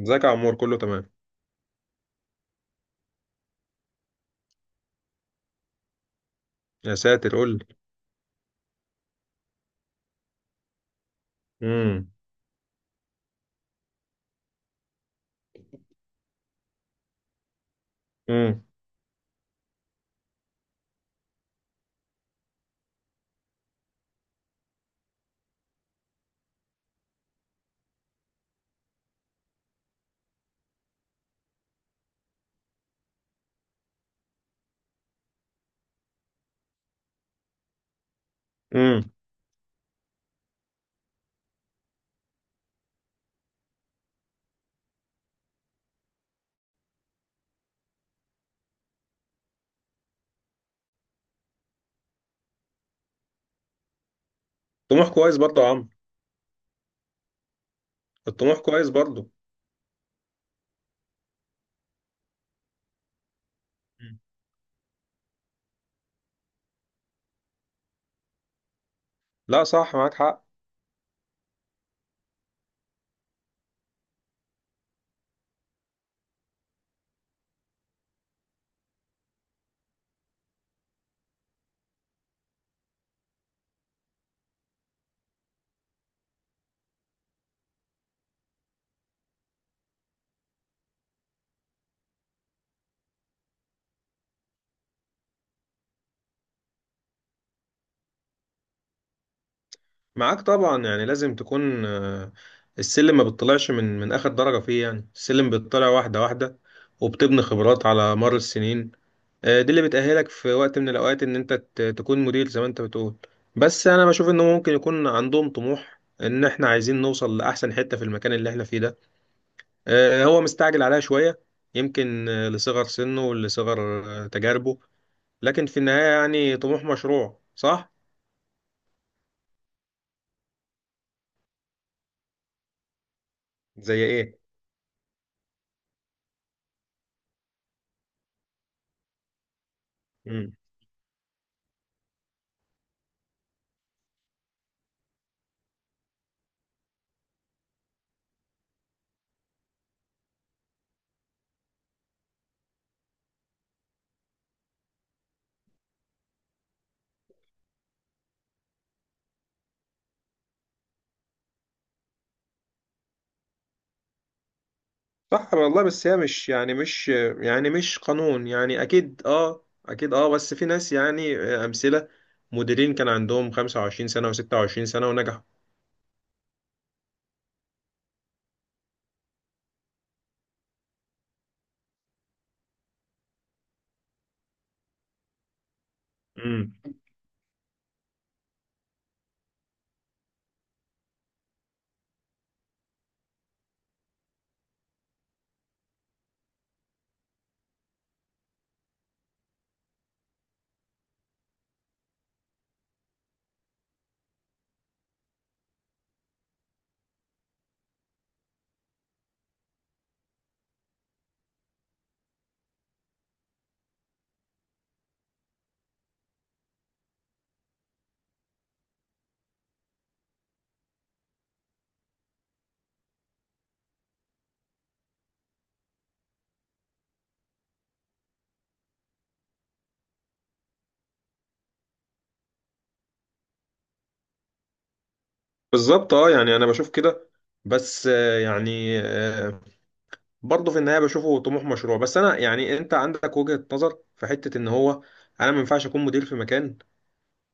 ازيك يا عمور، كله تمام. يا ساتر، قول لي. امم. امم. امم. طموح كويس برضه يا عمرو، الطموح كويس برضه. مم. لا، صح، معاك حق. معاك طبعا، يعني لازم تكون السلم ما بتطلعش من اخر درجة فيه، يعني السلم بيطلع واحدة واحدة، وبتبني خبرات على مر السنين. دي اللي بتأهلك في وقت من الاوقات ان انت تكون مدير زي ما انت بتقول. بس انا بشوف انه ممكن يكون عندهم طموح ان احنا عايزين نوصل لاحسن حتة في المكان اللي احنا فيه ده. هو مستعجل عليها شوية، يمكن لصغر سنه ولصغر تجاربه. لكن في النهاية يعني طموح مشروع، صح؟ زي ايه؟ مم. صح والله. بس هي مش، يعني مش، يعني مش قانون، يعني أكيد اه أكيد اه. بس في ناس يعني أمثلة، مديرين كان عندهم 25 سنة و26 سنة ونجحوا. مم. بالظبط اه، يعني أنا بشوف كده. بس برضه في النهايه بشوفه طموح مشروع. بس انا يعني انت عندك وجهه نظر في حته ان هو انا ما ينفعش اكون مدير في مكان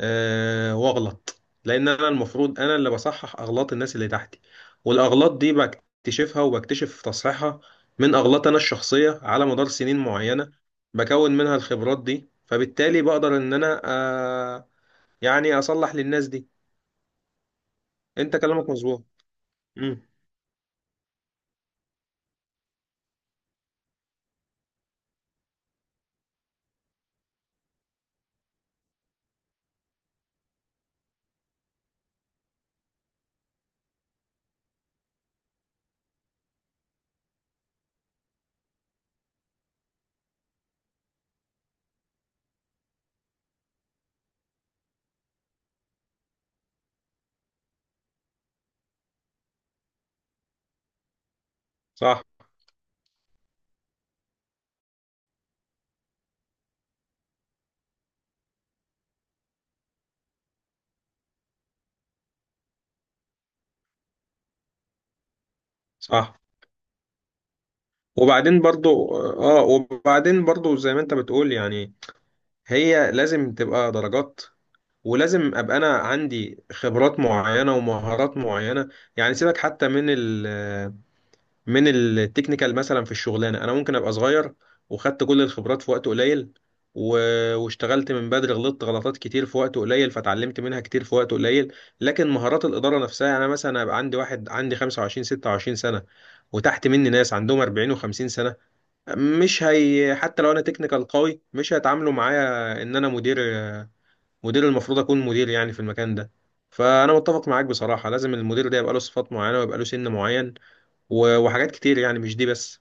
واغلط، لان انا المفروض، انا اللي بصحح اغلاط الناس اللي تحتي، والاغلاط دي بكتشفها وبكتشف تصحيحها من اغلاط انا الشخصيه على مدار سنين معينه، بكون منها الخبرات دي، فبالتالي بقدر ان انا يعني اصلح للناس دي. انت كلامك مظبوط. امم. صح. صح. وبعدين برضو زي ما انت بتقول يعني. هي لازم تبقى درجات، ولازم ابقى انا عندي خبرات معينه ومهارات معينه، يعني سيبك حتى من التكنيكال، مثلا في الشغلانه انا ممكن ابقى صغير وخدت كل الخبرات في وقت قليل، واشتغلت من بدري، غلطت غلطات كتير في وقت قليل فتعلمت منها كتير في وقت قليل. لكن مهارات الاداره نفسها، يعني انا مثلا هيبقى عندي واحد عندي 25 26 سنه وتحت مني ناس عندهم 40 و50 سنه، مش هي حتى لو انا تكنيكال قوي مش هيتعاملوا معايا ان انا مدير. مدير المفروض اكون مدير يعني في المكان ده. فانا متفق معاك بصراحة، لازم المدير ده يبقى له صفات معينة ويبقى له سن معين، وحاجات كتير يعني، مش دي بس.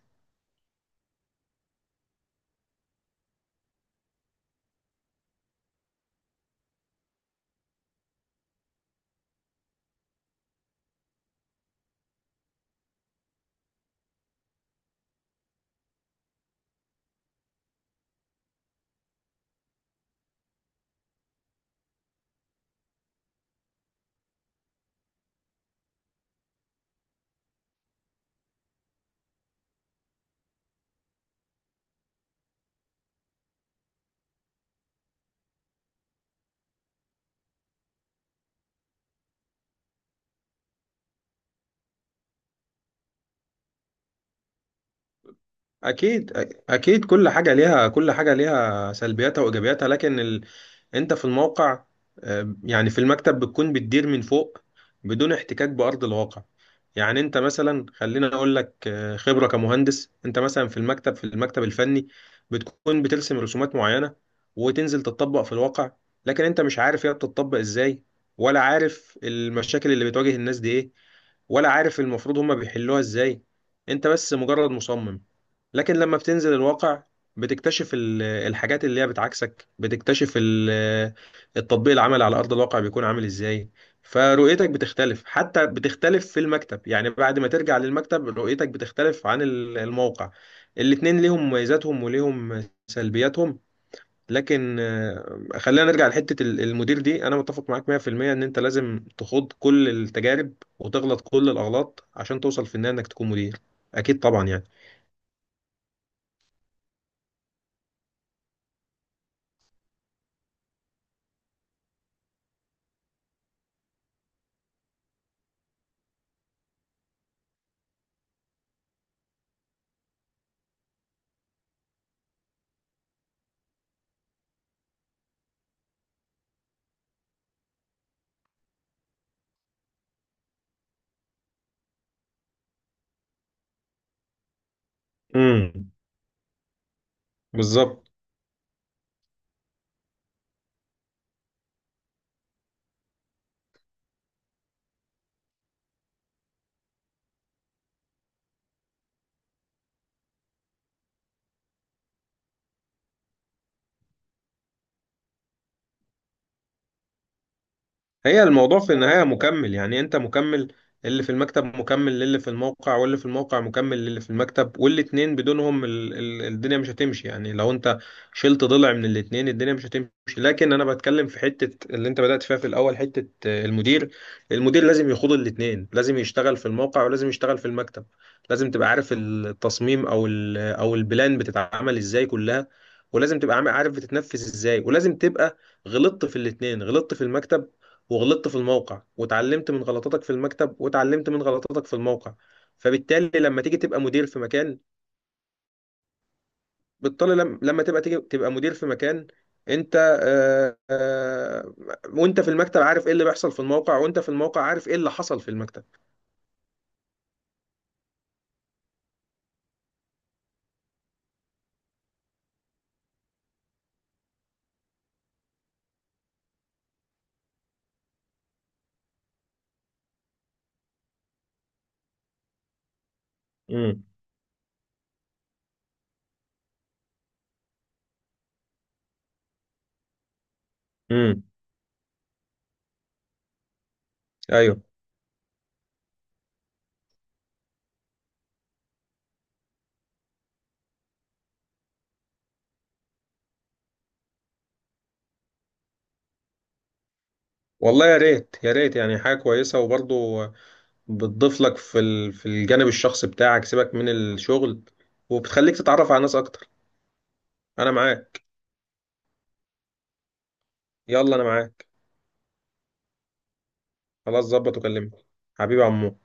اكيد كل حاجة ليها سلبياتها وايجابياتها، لكن انت في الموقع. يعني في المكتب بتكون بتدير من فوق بدون احتكاك بأرض الواقع. يعني انت مثلا، خلينا اقول لك خبرة كمهندس، انت مثلا في المكتب، في المكتب الفني، بتكون بترسم رسومات معينة وتنزل تطبق في الواقع، لكن انت مش عارف هي بتطبق ازاي، ولا عارف المشاكل اللي بتواجه الناس دي ايه، ولا عارف المفروض هما بيحلوها ازاي. انت بس مجرد مصمم. لكن لما بتنزل الواقع، بتكتشف الحاجات اللي هي بتعكسك، بتكتشف التطبيق العملي على أرض الواقع بيكون عامل إزاي. فرؤيتك بتختلف، حتى بتختلف في المكتب، يعني بعد ما ترجع للمكتب رؤيتك بتختلف عن الموقع. الاتنين ليهم مميزاتهم وليهم سلبياتهم. لكن خلينا نرجع لحتة المدير دي، أنا متفق معاك 100% إن أنت لازم تخوض كل التجارب وتغلط كل الأغلاط عشان توصل في النهاية إنك تكون مدير، أكيد طبعا يعني. مم. بالظبط. هي الموضوع في النهاية مكمل، يعني انت مكمل، اللي في المكتب مكمل للي في الموقع، واللي في الموقع مكمل للي في المكتب، والاتنين بدونهم ال ال الدنيا مش هتمشي، يعني لو انت شلت ضلع من الاتنين الدنيا مش هتمشي. لكن انا بتكلم في حتة اللي انت بدأت فيها في الاول، حتة المدير. المدير لازم يخوض الاتنين، لازم يشتغل في الموقع ولازم يشتغل في المكتب، لازم تبقى عارف التصميم او البلان بتتعمل ازاي كلها، ولازم تبقى عارف بتتنفذ ازاي، ولازم تبقى غلطت في الاتنين، غلطت في المكتب وغلطت في الموقع، واتعلمت من غلطاتك في المكتب واتعلمت من غلطاتك في الموقع، فبالتالي لما تيجي تبقى مدير في مكان، بالتالي لما تبقى تيجي تبقى مدير في مكان، انت آه، آه، وانت في المكتب عارف ايه اللي بيحصل في الموقع، وانت في الموقع عارف ايه اللي حصل في المكتب. امم. امم. ايوه، والله يا ريت، يا ريت يعني حاجه كويسه، وبرضه بتضيف لك في في الجانب الشخصي بتاعك، سيبك من الشغل، وبتخليك تتعرف على ناس اكتر. انا معاك. يلا انا معاك. خلاص، ظبط وكلمني. حبيبي يا عمو.